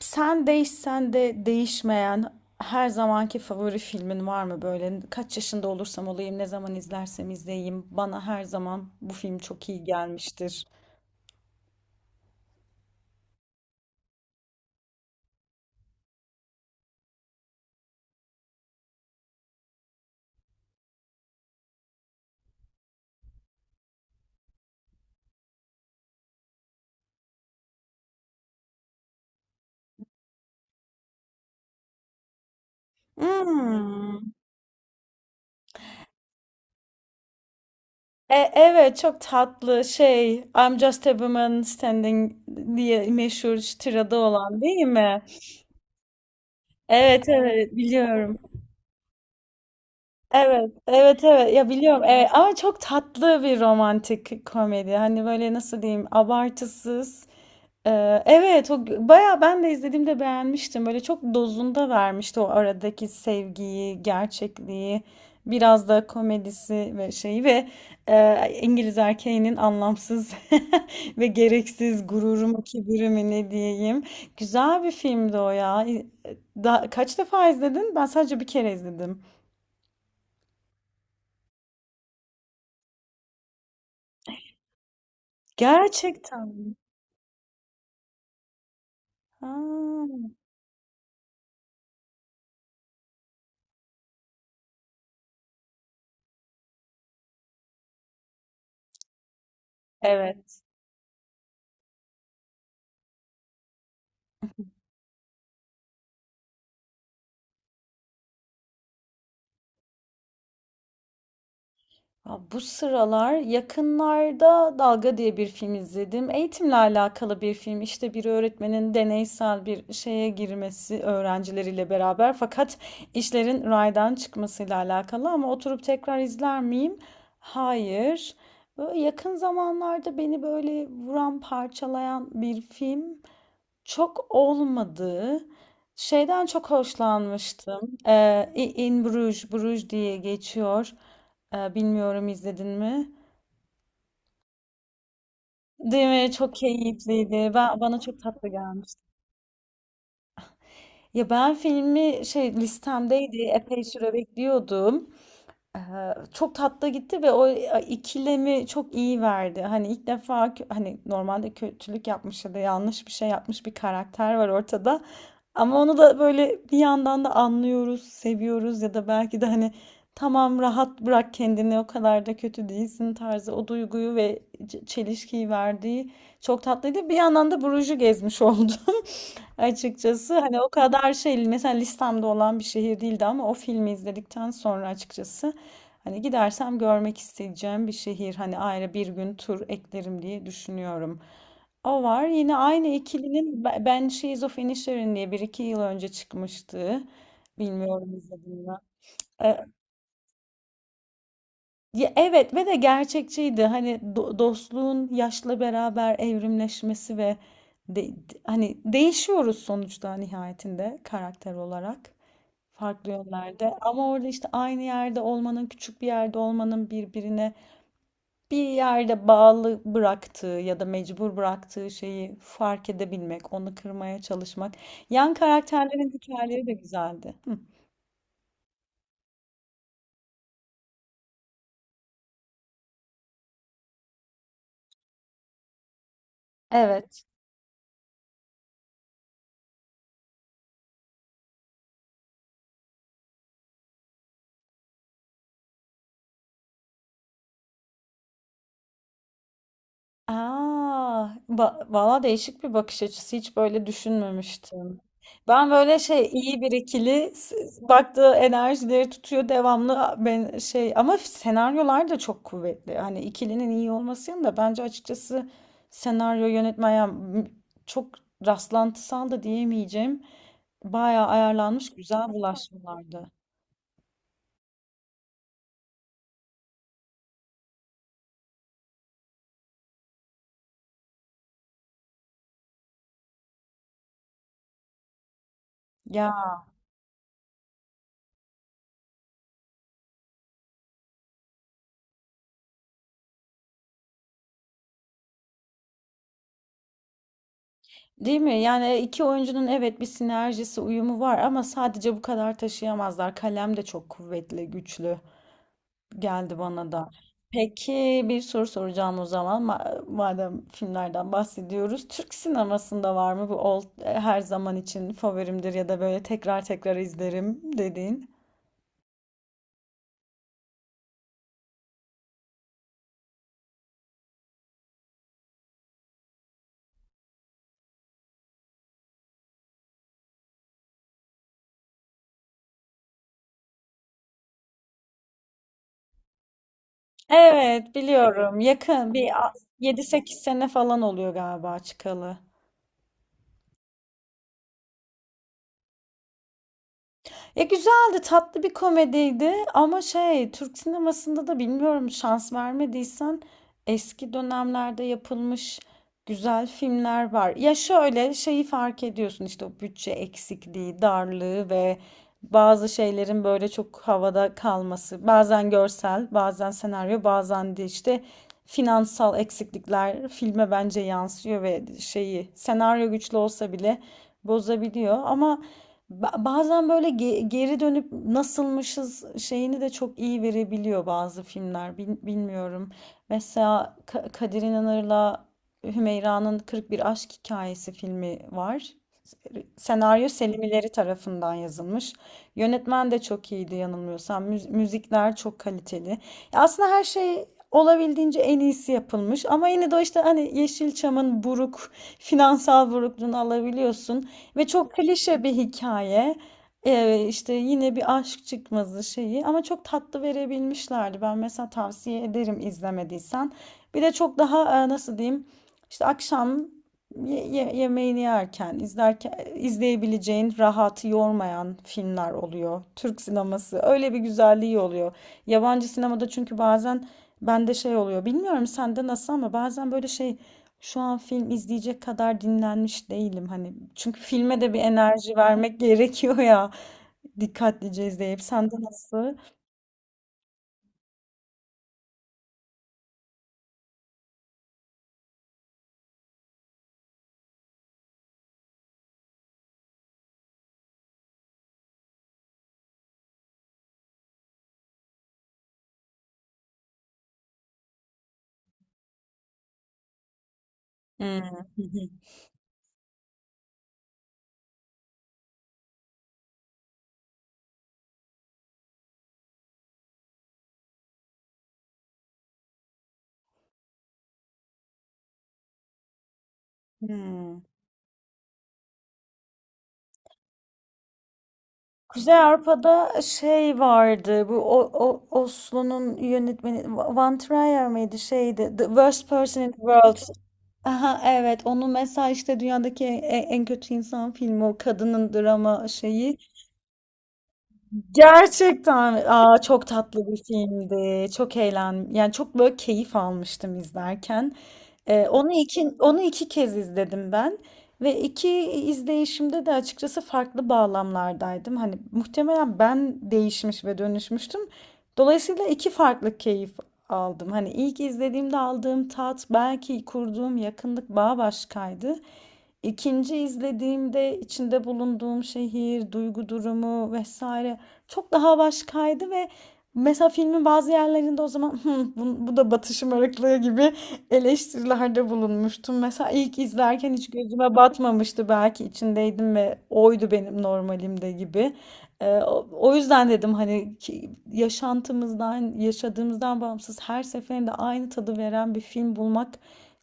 Sen değişsen de değişmeyen her zamanki favori filmin var mı böyle? Kaç yaşında olursam olayım, ne zaman izlersem izleyeyim. Bana her zaman bu film çok iyi gelmiştir. Hmm. Evet, çok tatlı şey I'm just a woman standing diye meşhur şu tirada olan, değil mi? Evet, evet, biliyorum. Evet, evet, evet. Ya biliyorum. Evet. Ama çok tatlı bir romantik komedi. Hani böyle nasıl diyeyim, abartısız. Evet, bayağı ben de izlediğimde beğenmiştim. Böyle çok dozunda vermişti o aradaki sevgiyi, gerçekliği, biraz da komedisi ve şeyi ve İngiliz erkeğinin anlamsız ve gereksiz gururumu, kibirimi ne diyeyim. Güzel bir filmdi o ya. Kaç defa izledin? Ben sadece bir kere izledim. Gerçekten mi? Ha, evet. Ya bu sıralar yakınlarda Dalga diye bir film izledim. Eğitimle alakalı bir film. İşte bir öğretmenin deneysel bir şeye girmesi öğrencileriyle beraber, fakat işlerin raydan çıkmasıyla alakalı, ama oturup tekrar izler miyim? Hayır. Böyle yakın zamanlarda beni böyle vuran, parçalayan bir film. Çok olmadı. Şeyden çok hoşlanmıştım. In Bruges, Bruges diye geçiyor. Bilmiyorum, izledin mi? Değil mi? Çok keyifliydi. Bana çok tatlı gelmişti. Ya ben filmi, şey, listemdeydi. Epey süre bekliyordum. Çok tatlı gitti ve o ikilemi çok iyi verdi. Hani ilk defa normalde kötülük yapmış ya da yanlış bir şey yapmış bir karakter var ortada. Ama onu da böyle bir yandan da anlıyoruz, seviyoruz, ya da belki de hani tamam rahat bırak kendini, o kadar da kötü değilsin tarzı o duyguyu ve çelişkiyi verdiği çok tatlıydı. Bir yandan da Bruges'i gezmiş oldu. Açıkçası hani o kadar şey, mesela listemde olan bir şehir değildi ama o filmi izledikten sonra, açıkçası, hani gidersem görmek isteyeceğim bir şehir, hani ayrı bir gün tur eklerim diye düşünüyorum. O var, yine aynı ikilinin Ben She's of Inisherin diye bir iki yıl önce çıkmıştı. Bilmiyorum izledim mi? E, Ya evet, ve de gerçekçiydi. Hani dostluğun yaşla beraber evrimleşmesi ve hani değişiyoruz sonuçta nihayetinde karakter olarak farklı yönlerde. Ama orada işte aynı yerde olmanın, küçük bir yerde olmanın birbirine bir yerde bağlı bıraktığı ya da mecbur bıraktığı şeyi fark edebilmek, onu kırmaya çalışmak. Yan karakterlerin hikayeleri de güzeldi. Hı. Aa, valla değişik bir bakış açısı. Hiç böyle düşünmemiştim. Ben böyle şey iyi bir ikili baktığı enerjileri tutuyor devamlı ben şey, ama senaryolar da çok kuvvetli. Hani ikilinin iyi olmasının da bence açıkçası senaryo yönetmen yani, m- çok rastlantısal da diyemeyeceğim. Bayağı ayarlanmış güzel bulaşmalardı. Değil mi? Yani iki oyuncunun, evet, bir sinerjisi, uyumu var ama sadece bu kadar taşıyamazlar. Kalem de çok kuvvetli, güçlü geldi bana da. Peki bir soru soracağım o zaman. Madem filmlerden bahsediyoruz. Türk sinemasında var mı bu her zaman için favorimdir ya da böyle tekrar tekrar izlerim dediğin? Evet, biliyorum. 7-8 sene falan oluyor galiba çıkalı. Güzeldi, tatlı bir komediydi ama şey, Türk sinemasında da bilmiyorum, şans vermediysen eski dönemlerde yapılmış güzel filmler var. Ya şöyle şeyi fark ediyorsun, işte o bütçe eksikliği, darlığı ve bazı şeylerin böyle çok havada kalması. Bazen görsel, bazen senaryo, bazen de işte finansal eksiklikler filme bence yansıyor ve şeyi, senaryo güçlü olsa bile, bozabiliyor ama bazen böyle geri dönüp nasılmışız şeyini de çok iyi verebiliyor bazı filmler. Bilmiyorum. Mesela Kadir İnanır'la Hümeyra'nın 41 Aşk Hikayesi filmi var. Senaryo Selim İleri tarafından yazılmış. Yönetmen de çok iyiydi yanılmıyorsam. Müzikler çok kaliteli. Ya aslında her şey olabildiğince en iyisi yapılmış. Ama yine de o işte hani Yeşilçam'ın buruk, finansal burukluğunu alabiliyorsun. Ve çok klişe bir hikaye. İşte yine bir aşk çıkmazı şeyi, ama çok tatlı verebilmişlerdi. Ben mesela tavsiye ederim izlemediysen. Bir de çok daha nasıl diyeyim, işte akşam yemeğini yerken izlerken izleyebileceğin, rahatı yormayan filmler oluyor. Türk sineması öyle bir güzelliği oluyor. Yabancı sinemada, çünkü bazen bende şey oluyor. Bilmiyorum sende nasıl ama bazen böyle şey, şu an film izleyecek kadar dinlenmiş değilim. Hani çünkü filme de bir enerji vermek gerekiyor ya. Dikkatlice izleyip. Sende nasıl? Hmm. Hmm. Kuzey Avrupa'da şey vardı. Bu, o Oslo'nun yönetmeni Van Trier miydi, şeydi. The Worst Person in the World. Aha evet. Onu mesela işte dünyadaki en kötü insan filmi, o kadının drama şeyi. Gerçekten, aa, çok tatlı bir filmdi. Çok eğlen Yani çok böyle keyif almıştım izlerken. Onu iki kez izledim ben ve iki izleyişimde de açıkçası farklı bağlamlardaydım. Hani muhtemelen ben değişmiş ve dönüşmüştüm. Dolayısıyla iki farklı keyif aldım. Hani ilk izlediğimde aldığım tat, belki kurduğum yakınlık bağ başkaydı. İkinci izlediğimde içinde bulunduğum şehir, duygu durumu, vesaire, çok daha başkaydı ve mesela filmin bazı yerlerinde, o zaman, bu da batışım ırklığı gibi eleştirilerde bulunmuştum. Mesela ilk izlerken hiç gözüme batmamıştı, belki içindeydim ve oydu benim normalimde gibi. O yüzden dedim hani ki, yaşantımızdan, yaşadığımızdan bağımsız her seferinde aynı tadı veren bir film bulmak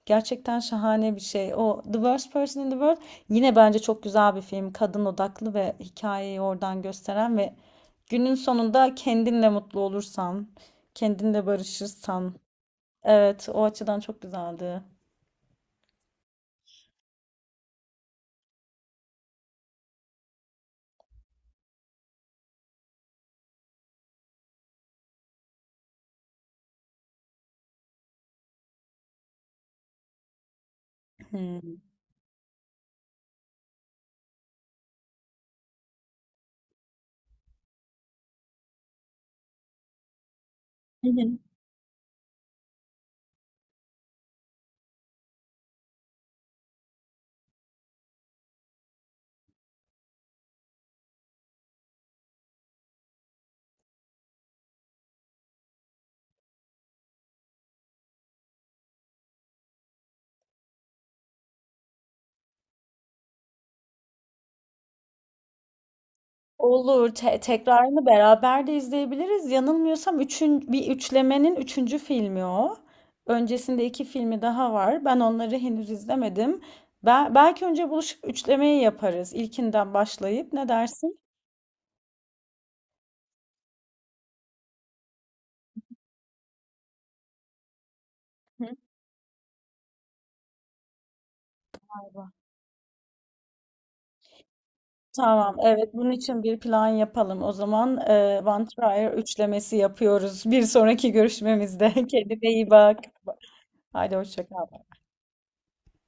gerçekten şahane bir şey. O, The Worst Person in the World, yine bence çok güzel bir film. Kadın odaklı ve hikayeyi oradan gösteren ve günün sonunda kendinle mutlu olursan, kendinle barışırsan. Evet, o açıdan çok güzeldi. Hmm. Hı hı. Olur. Tekrarını beraber de izleyebiliriz. Yanılmıyorsam bir üçlemenin üçüncü filmi o. Öncesinde iki filmi daha var. Ben onları henüz izlemedim. Belki önce buluşup üçlemeyi yaparız. İlkinden başlayıp ne dersin? Hı. Tamam, evet bunun için bir plan yapalım. O zaman One Trier üçlemesi yapıyoruz. Bir sonraki görüşmemizde. Kendine iyi bak. Haydi hoşça kal.